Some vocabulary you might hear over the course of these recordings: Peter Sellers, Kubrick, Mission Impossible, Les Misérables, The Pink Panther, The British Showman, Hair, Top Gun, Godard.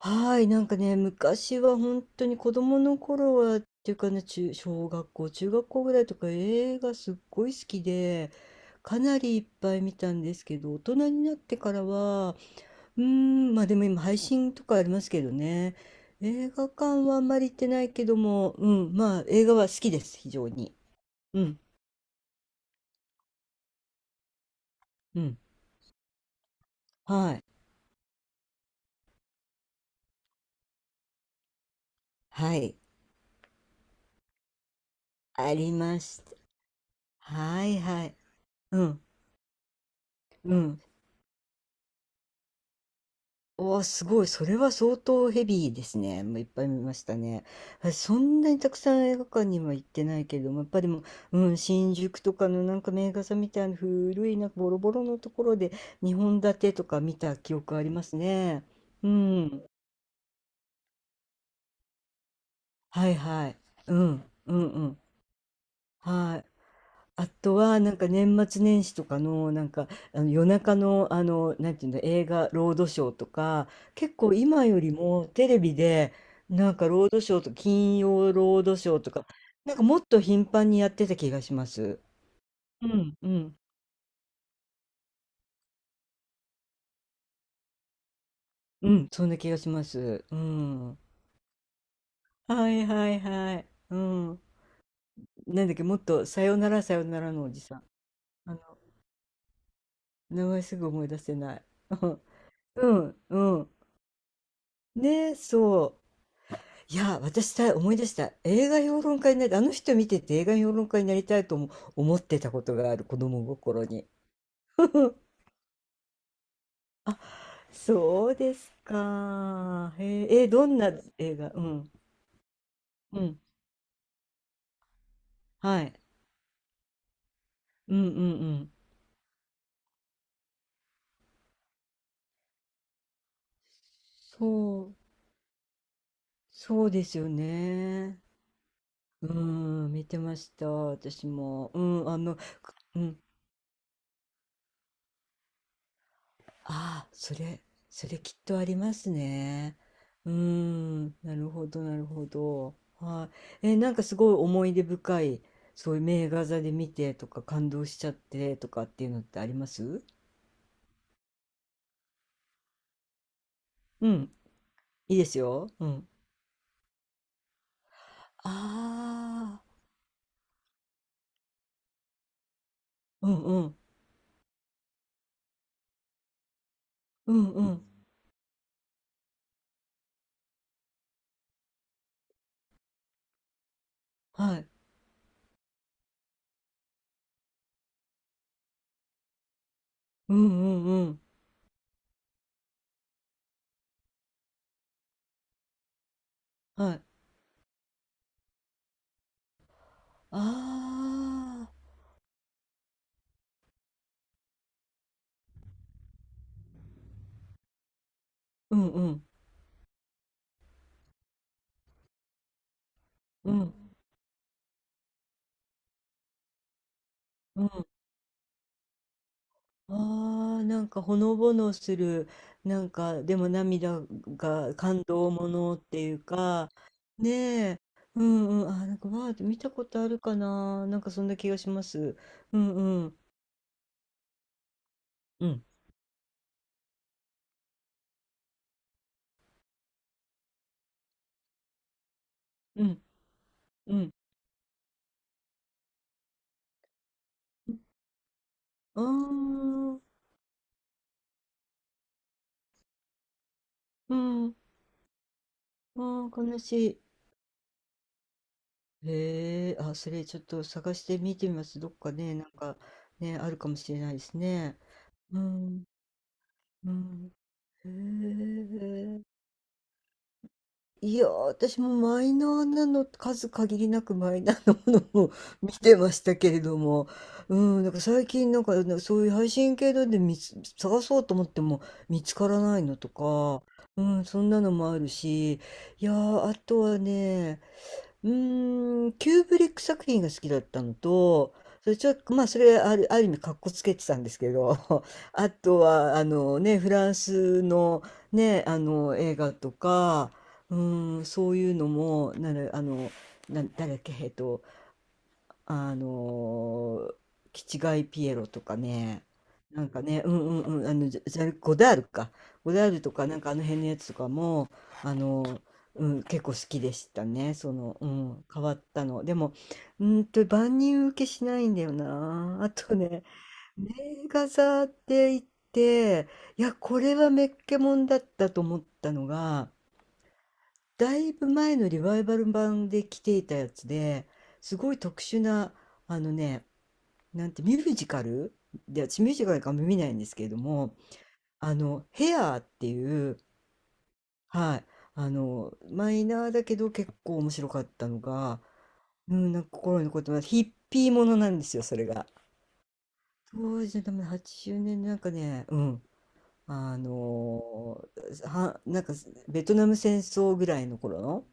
はい、なんかね、昔は本当に子供の頃はっていうかね、中小学校、中学校ぐらいとか映画すっごい好きで、かなりいっぱい見たんですけど、大人になってからは、ま、あでも今配信とかありますけどね、映画館はあんまり行ってないけども、うん、まあ、映画は好きです、非常に。うん、うん。はい。はい、ありました。はいはい。うん、うん。おお、すごい。それは相当ヘビーですね。もういっぱい見ましたね。私そんなにたくさん映画館には行ってないけれども、やっぱりもう、うん、新宿とかのなんか名画座みたいな古いなんかボロボロのところで2本立てとか見た記憶ありますね。うん。はいはい。うん。うんうん。はい。あとは、なんか年末年始とかの、なんか、あの夜中の、あの、なんていうの、映画、ロードショーとか、結構今よりもテレビで、なんかロードショーと、金曜ロードショーとか、なんかもっと頻繁にやってた気がします。うん、うん、うん、そんな気がします。うん。はいはいはい。うん。なんだっけ、もっと、さよならさよならのおじさん。あの、名前すぐ思い出せない。うん、うん。ね、そう。いや、私さ、思い出した。映画評論家になり、あの人見てて映画評論家になりたいとも思ってたことがある、子供心に。あ、そうですか。へえ、え、どんな映画うん。うん。はい。うんうんうん。そう、そうですよね。うん、見てました、私も。うん、あの、うん、ああ、それ、それきっとありますね。なるほど、なるほど。はい。え、なんかすごい思い出深い、そういう名画座で見てとか感動しちゃってとかっていうのってありますうん、いいですよ。うん。ああ、うんうん、うんうん、はい。うんうんうん、はい。ああ、うんうん、うんうん。ああ、なんかほのぼのする、なんかでも涙が感動ものっていうか、ねえ、うんうん、あ、なんかわーって見たことあるかな、なんかそんな気がします。うんうんうんうんうんうあーうんあー悲しい。へえ、あ、それちょっと探して見てみます。どっかね、なんかね、あるかもしれないですね。うんうんへえ。いやー、私もマイナーなの、数限りなくマイナーなものを 見てましたけれども、うん、なんか最近なんかあのそういう配信系ので見つ、探そうと思っても見つからないのとか、うん、そんなのもあるし、いやー、あとはね、キューブリック作品が好きだったのと、それちょっと、まあ、それある、ある意味かっこつけてたんですけど、あとは、あのね、フランスのね、あの映画とか、そういうのも、なるあの、な、誰だっけ、あのー、キチガイピエロとかね、なんかね、うんうんうん、あの、ジャ、ジャルゴダールか、ゴダールとか、なんかあの辺のやつとかも、あのー、うん、結構好きでしたね、その、うん、変わったの。でも、うーんと、万人受けしないんだよな。あとね、名画座って言って、いや、これはメッケモンだったと思ったのが、だいぶ前のリバイバル版で来ていたやつですごい特殊なあのねなんてミュージカルで私ミュージカルかんま見ないんですけれどもあのヘアーっていうはいあのマイナーだけど結構面白かったのが、うん、なんか心に残ってますヒッピーものなんですよそれが。当時の多分80年なんかねうんあのーはなんかベトナム戦争ぐらいの頃の。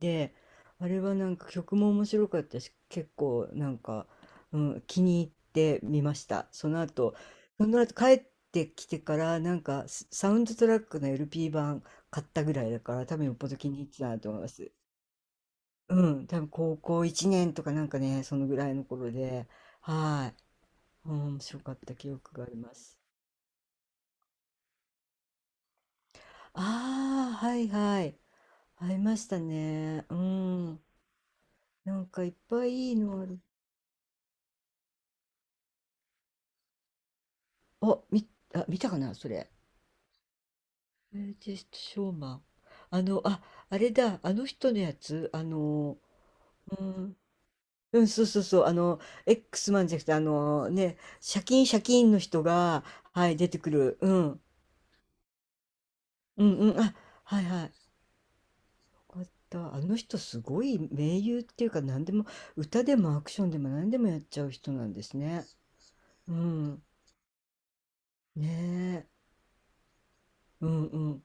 で、あれはなんか曲も面白かったし、結構なんか、うん、気に入ってみました。その後、その後帰ってきてから、なんかスサウンドトラックの LP 版買ったぐらいだから、多分よっぽど気に入ってたなと思います。うん、多分高校1年とかなんかね、そのぐらいの頃で、はい、うん、面白かった記憶があります。ああ、はいはい。ありましたね。うん。なんかいっぱいいいのある。あ、み、あ、見たかな、それ。ブリティッシュショーマン。あの、あ、あれだ、あの人のやつ、あの、うん、うん、そうそうそう、あの、X マンじゃなくて、あのね、シャキンシャキンの人が、はい、出てくる。うん、うん、うん、あ、はいはい。よかった。あの人すごい名優っていうか、何でも、歌でもアクションでも何でもやっちゃう人なんですね。うん、ねえ、うんうん。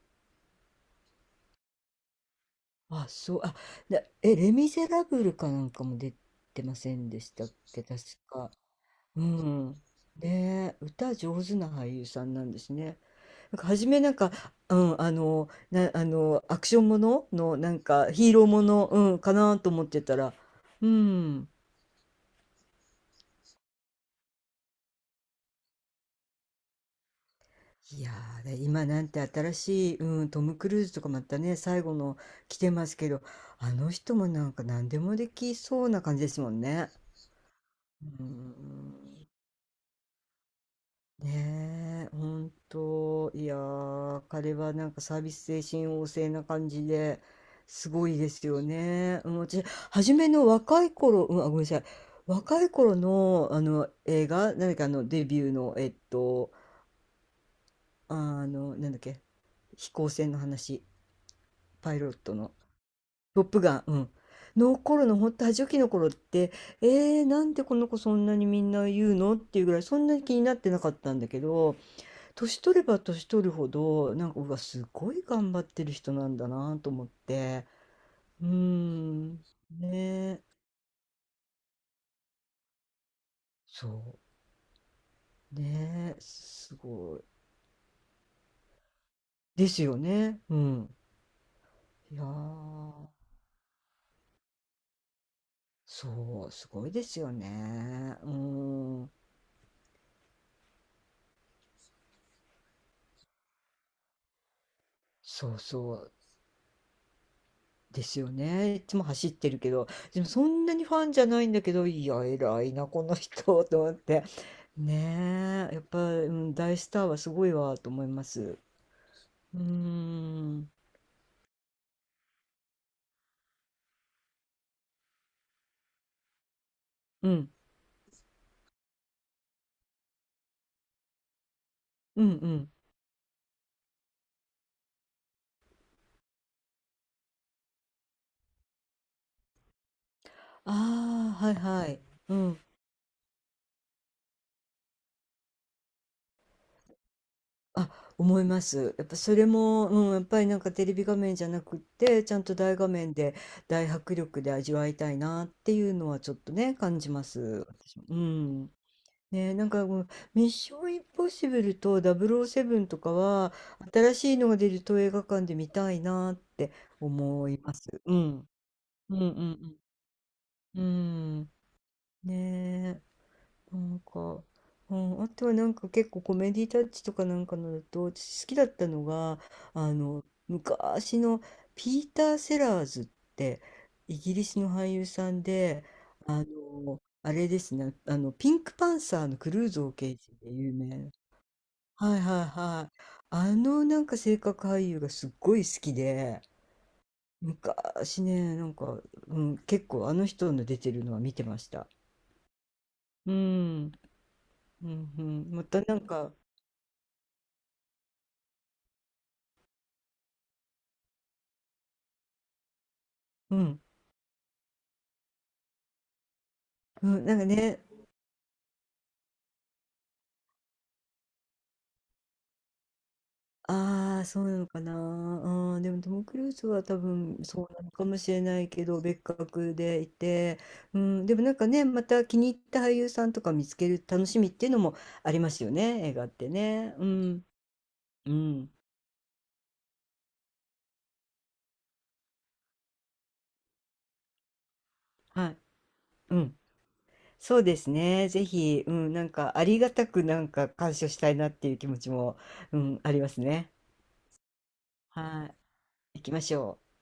あ、そう、あ、でえ、レ・ミゼラブルかなんかも出てませんでしたっけ、確か。うん。ねえ、歌上手な俳優さんなんですね。なんか初めなんか、うん、あの、な、あの、アクションものの、なんかヒーローもの、うん、かなと思ってたら、うん。いやー、で今なんて新しい、うん、トム・クルーズとかまたね、最後の来てますけど、あの人もなんか何でもできそうな感じですもんね。うん。ねえ、ほんと、いやー、彼はなんかサービス精神旺盛な感じで、すごいですよね。うん、私、初めの若い頃、うん、あ、ごめんなさい、若い頃の、あの映画、なんだっけ、あのデビューの、あの、なんだっけ、飛行船の話、パイロットの、トップガン、うん、の頃の、ほんと、初期の頃って、えー、なんでこの子そんなにみんな言うのっていうぐらい、そんなに気になってなかったんだけど、年取れば年取るほど、なんか、うわ、すごい頑張ってる人なんだなと思って。うーん。ねえ。そう。ねえ。すごい。ですよね。うん。いやー、そう、すごいですよね。ん。そうそう。ですよね。いつも走ってるけど、でもそんなにファンじゃないんだけど、いや、偉いな、この人と思って。ねえ、やっぱ、うん、大スターはすごいわと思います。うーん。うん。うんうん。ああ、はいはい。うん。あ、思います。やっぱそれも、うん、やっぱりなんかテレビ画面じゃなくって、ちゃんと大画面で大迫力で味わいたいなっていうのはちょっとね、感じます。私もうん。ね、なんかもうミッションインポッシブルと007とかは、新しいのが出ると映画館で見たいなって思います。うん。うんうんうん。うん。ねなんか、うん、あとはなんか結構コメディタッチとかなんかのだと私好きだったのがあの昔のピーター・セラーズってイギリスの俳優さんであのあれですねあのピンクパンサーのクルーゾー刑事で有名なはいはいはいあのなんか性格俳優がすっごい好きで昔ねなんか、うん、結構あの人の出てるのは見てました。うん、うんうん、またなんかうん。うん、なんかね、ああ、そうなのかな。うん、でもトム・クルーズは多分そうなのかもしれないけど、別格でいて、うん、でもなんかね、また気に入った俳優さんとか見つける楽しみっていうのもありますよね、映画ってね。うん、うん、はい、うん。そうですね、ぜひ、うん、なんかありがたくなんか鑑賞したいなっていう気持ちも、うん、ありますね。はい、行きましょう。